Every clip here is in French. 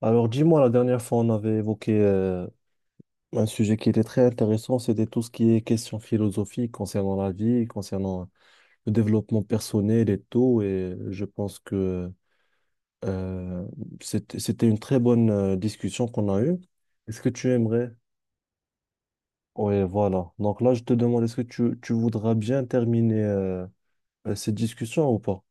Alors dis-moi, la dernière fois, on avait évoqué un sujet qui était très intéressant, c'était tout ce qui est question philosophique concernant la vie, concernant le développement personnel et tout, et je pense que euh, c'était une très bonne discussion qu'on a eue. Est-ce que tu aimerais? Oui, voilà. Donc là, je te demande, est-ce que tu voudras bien terminer cette discussion ou pas?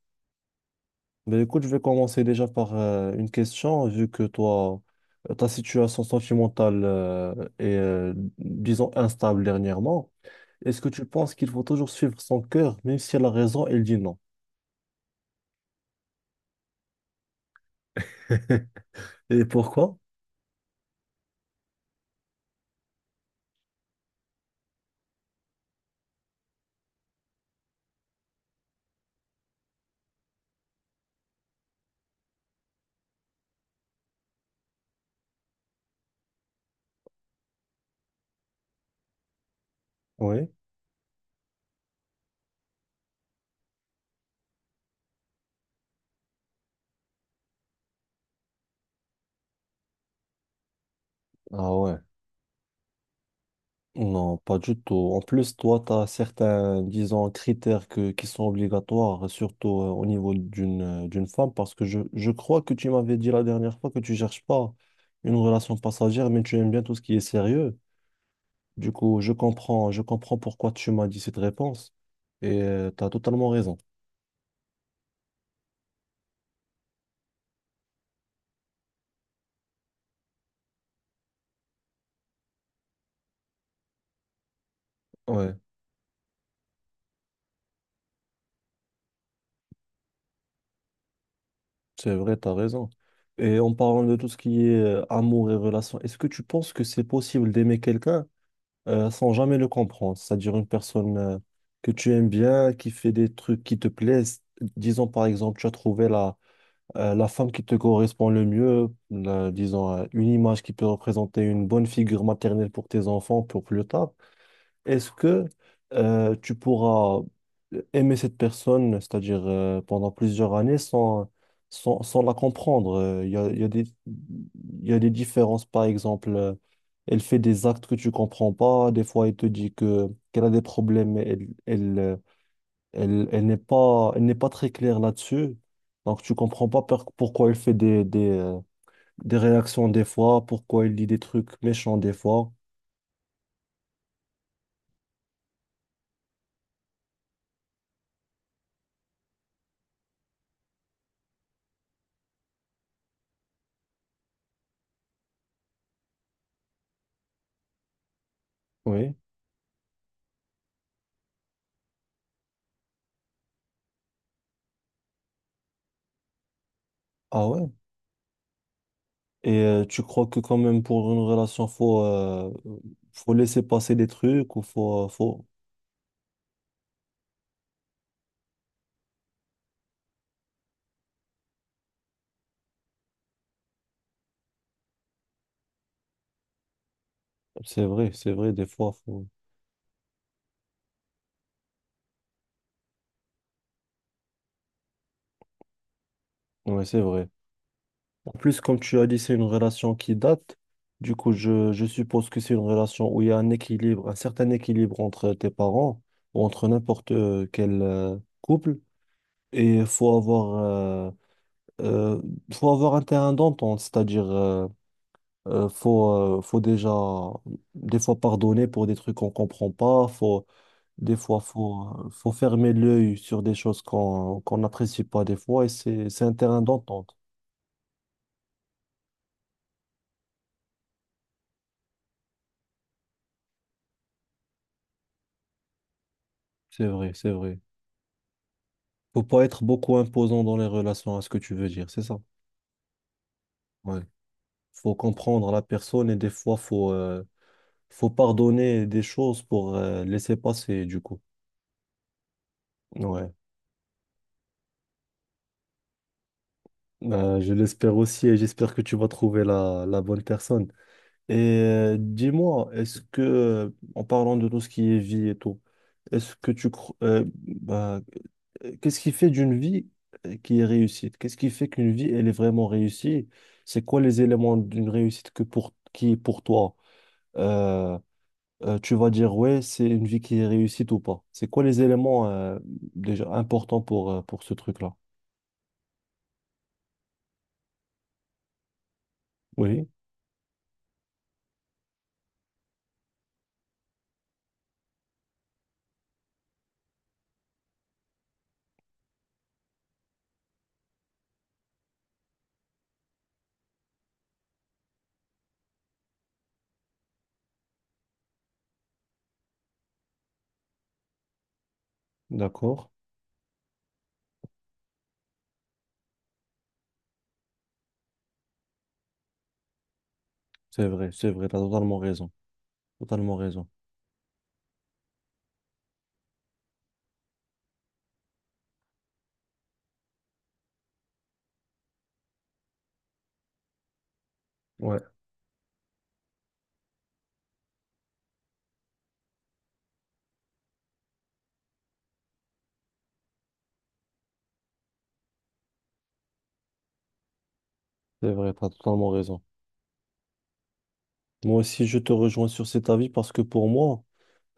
Ben écoute, je vais commencer déjà par une question, vu que toi, ta situation sentimentale est, disons, instable dernièrement. Est-ce que tu penses qu'il faut toujours suivre son cœur, même si la raison, elle dit non? Et pourquoi? Oui. Ah ouais. Non, pas du tout. En plus, toi, tu as certains, disons, critères qui sont obligatoires, surtout au niveau d'une d'une femme, parce que je crois que tu m'avais dit la dernière fois que tu cherches pas une relation passagère, mais tu aimes bien tout ce qui est sérieux. Du coup, je comprends pourquoi tu m'as dit cette réponse et tu as totalement raison. Ouais, c'est vrai, tu as raison. Et en parlant de tout ce qui est amour et relation, est-ce que tu penses que c'est possible d'aimer quelqu'un sans jamais le comprendre? C'est-à-dire une personne que tu aimes bien, qui fait des trucs qui te plaisent. Disons par exemple, tu as trouvé la femme qui te correspond le mieux, disons une image qui peut représenter une bonne figure maternelle pour tes enfants pour plus tard. Est-ce que tu pourras aimer cette personne, c'est-à-dire pendant plusieurs années, sans la comprendre? Il y a, il y a des différences, par exemple, elle fait des actes que tu comprends pas, des fois elle te dit qu'elle a des problèmes, mais elle n'est pas très claire là-dessus, donc tu comprends pas pourquoi elle fait des réactions des fois, pourquoi il dit des trucs méchants des fois. Oui. Ah ouais. Et tu crois que quand même pour une relation, faut laisser passer des trucs ou faut... c'est vrai, des fois, faut... Ouais, c'est vrai. En plus, comme tu as dit, c'est une relation qui date. Du coup, je suppose que c'est une relation où il y a un équilibre, un certain équilibre entre tes parents ou entre n'importe quel couple. Et euh, faut avoir un terrain d'entente, c'est-à-dire faut déjà des fois pardonner pour des trucs qu'on comprend pas. Des fois, faut fermer l'œil sur des choses qu'on n'apprécie pas des fois. Et c'est un terrain d'entente. C'est vrai, c'est vrai. Faut pas être beaucoup imposant dans les relations, à ce que tu veux dire, c'est ça. Ouais. Faut comprendre la personne et des fois, faut pardonner des choses pour laisser passer, du coup. Ouais. Je l'espère aussi et j'espère que tu vas trouver la bonne personne. Et dis-moi, en parlant de tout ce qui est vie et tout, est-ce que tu crois, qu'est-ce qui fait d'une vie qui est réussite? Qu'est-ce qui fait qu'une vie, elle est vraiment réussie? C'est quoi les éléments d'une réussite qui est pour toi? Euh, Tu vas dire, ouais, c'est une vie qui est réussite ou pas? C'est quoi les éléments déjà importants pour ce truc-là? Oui, d'accord. C'est vrai, t'as totalement raison. Totalement raison. Ouais, c'est vrai, t'as totalement raison. Moi aussi, je te rejoins sur cet avis parce que pour moi,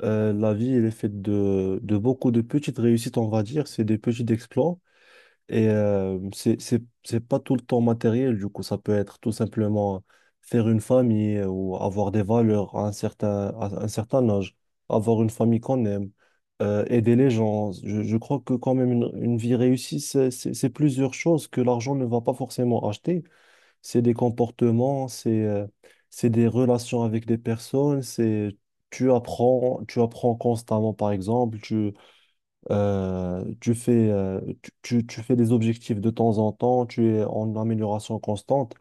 la vie, elle est faite de beaucoup de petites réussites, on va dire. C'est des petits exploits et c'est pas tout le temps matériel. Du coup, ça peut être tout simplement faire une famille ou avoir des valeurs à un certain âge, avoir une famille qu'on aime, aider les gens. Je crois que quand même, une vie réussie, c'est plusieurs choses que l'argent ne va pas forcément acheter. C'est des comportements, c'est des relations avec des personnes, c'est tu apprends constamment. Par exemple, tu fais des objectifs de temps en temps, tu es en amélioration constante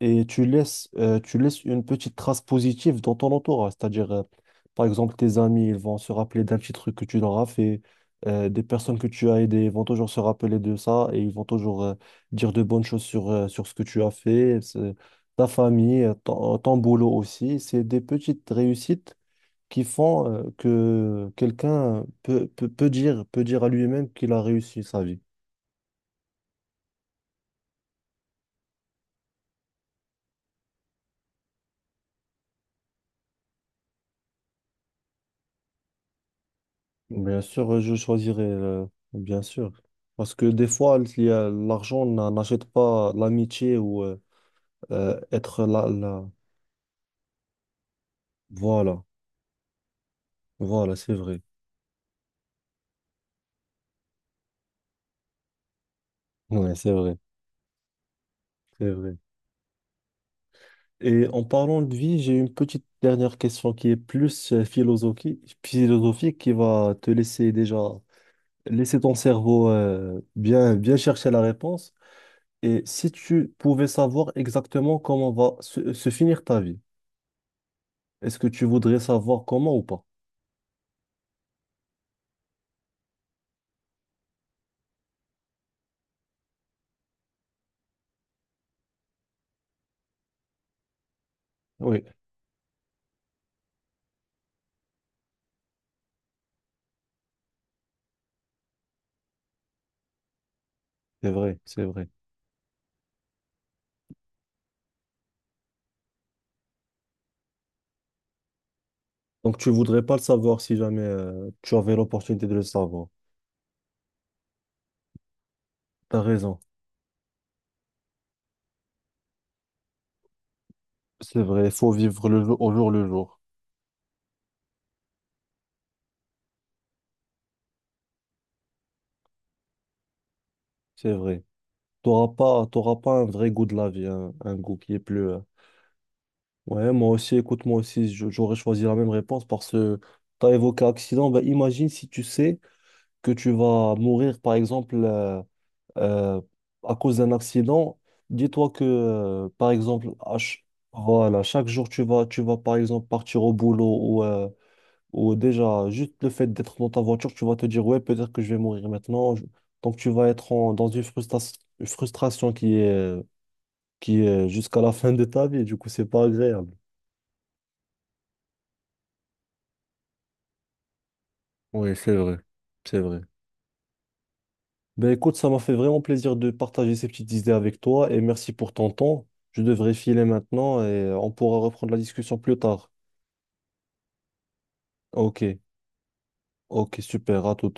et tu laisses une petite trace positive dans ton entourage. C'est-à-dire, par exemple, tes amis, ils vont se rappeler d'un petit truc que tu leur as fait. Euh, des personnes que tu as aidées vont toujours se rappeler de ça et ils vont toujours dire de bonnes choses sur ce que tu as fait. Ta famille, ton boulot aussi. C'est des petites réussites qui font que quelqu'un peut dire à lui-même qu'il a réussi sa vie. Bien sûr, bien sûr. Parce que des fois, l'argent n'a- n'achète pas l'amitié ou être là. Voilà, voilà, c'est vrai. Ouais, c'est vrai, c'est vrai. Et en parlant de vie, j'ai une petite dernière question qui est plus philosophique qui va te laisser déjà, laisser ton cerveau bien chercher la réponse. Et si tu pouvais savoir exactement comment va se finir ta vie, est-ce que tu voudrais savoir comment ou pas? Oui, c'est vrai, c'est vrai. Donc tu voudrais pas le savoir si jamais tu avais l'opportunité de le savoir. T'as raison. C'est vrai, il faut vivre le jour, au jour le jour. C'est vrai. T'auras pas un vrai goût de la vie, un goût qui est plus. Euh, ouais, moi aussi, écoute, j'aurais choisi la même réponse parce que t'as évoqué accident. Ben, imagine si tu sais que tu vas mourir, par exemple. Euh, à cause d'un accident, dis-toi par exemple, voilà, chaque jour, tu vas, par exemple, partir au boulot ou déjà, juste le fait d'être dans ta voiture, tu vas te dire, ouais, peut-être que je vais mourir maintenant. Je- Donc, tu vas être en- dans une une frustration qui est jusqu'à la fin de ta vie. Du coup, c'est pas agréable. Oui, c'est vrai. C'est vrai. Ben écoute, ça m'a fait vraiment plaisir de partager ces petites idées avec toi et merci pour ton temps. Je devrais filer maintenant et on pourra reprendre la discussion plus tard. Ok, ok, super, à tout.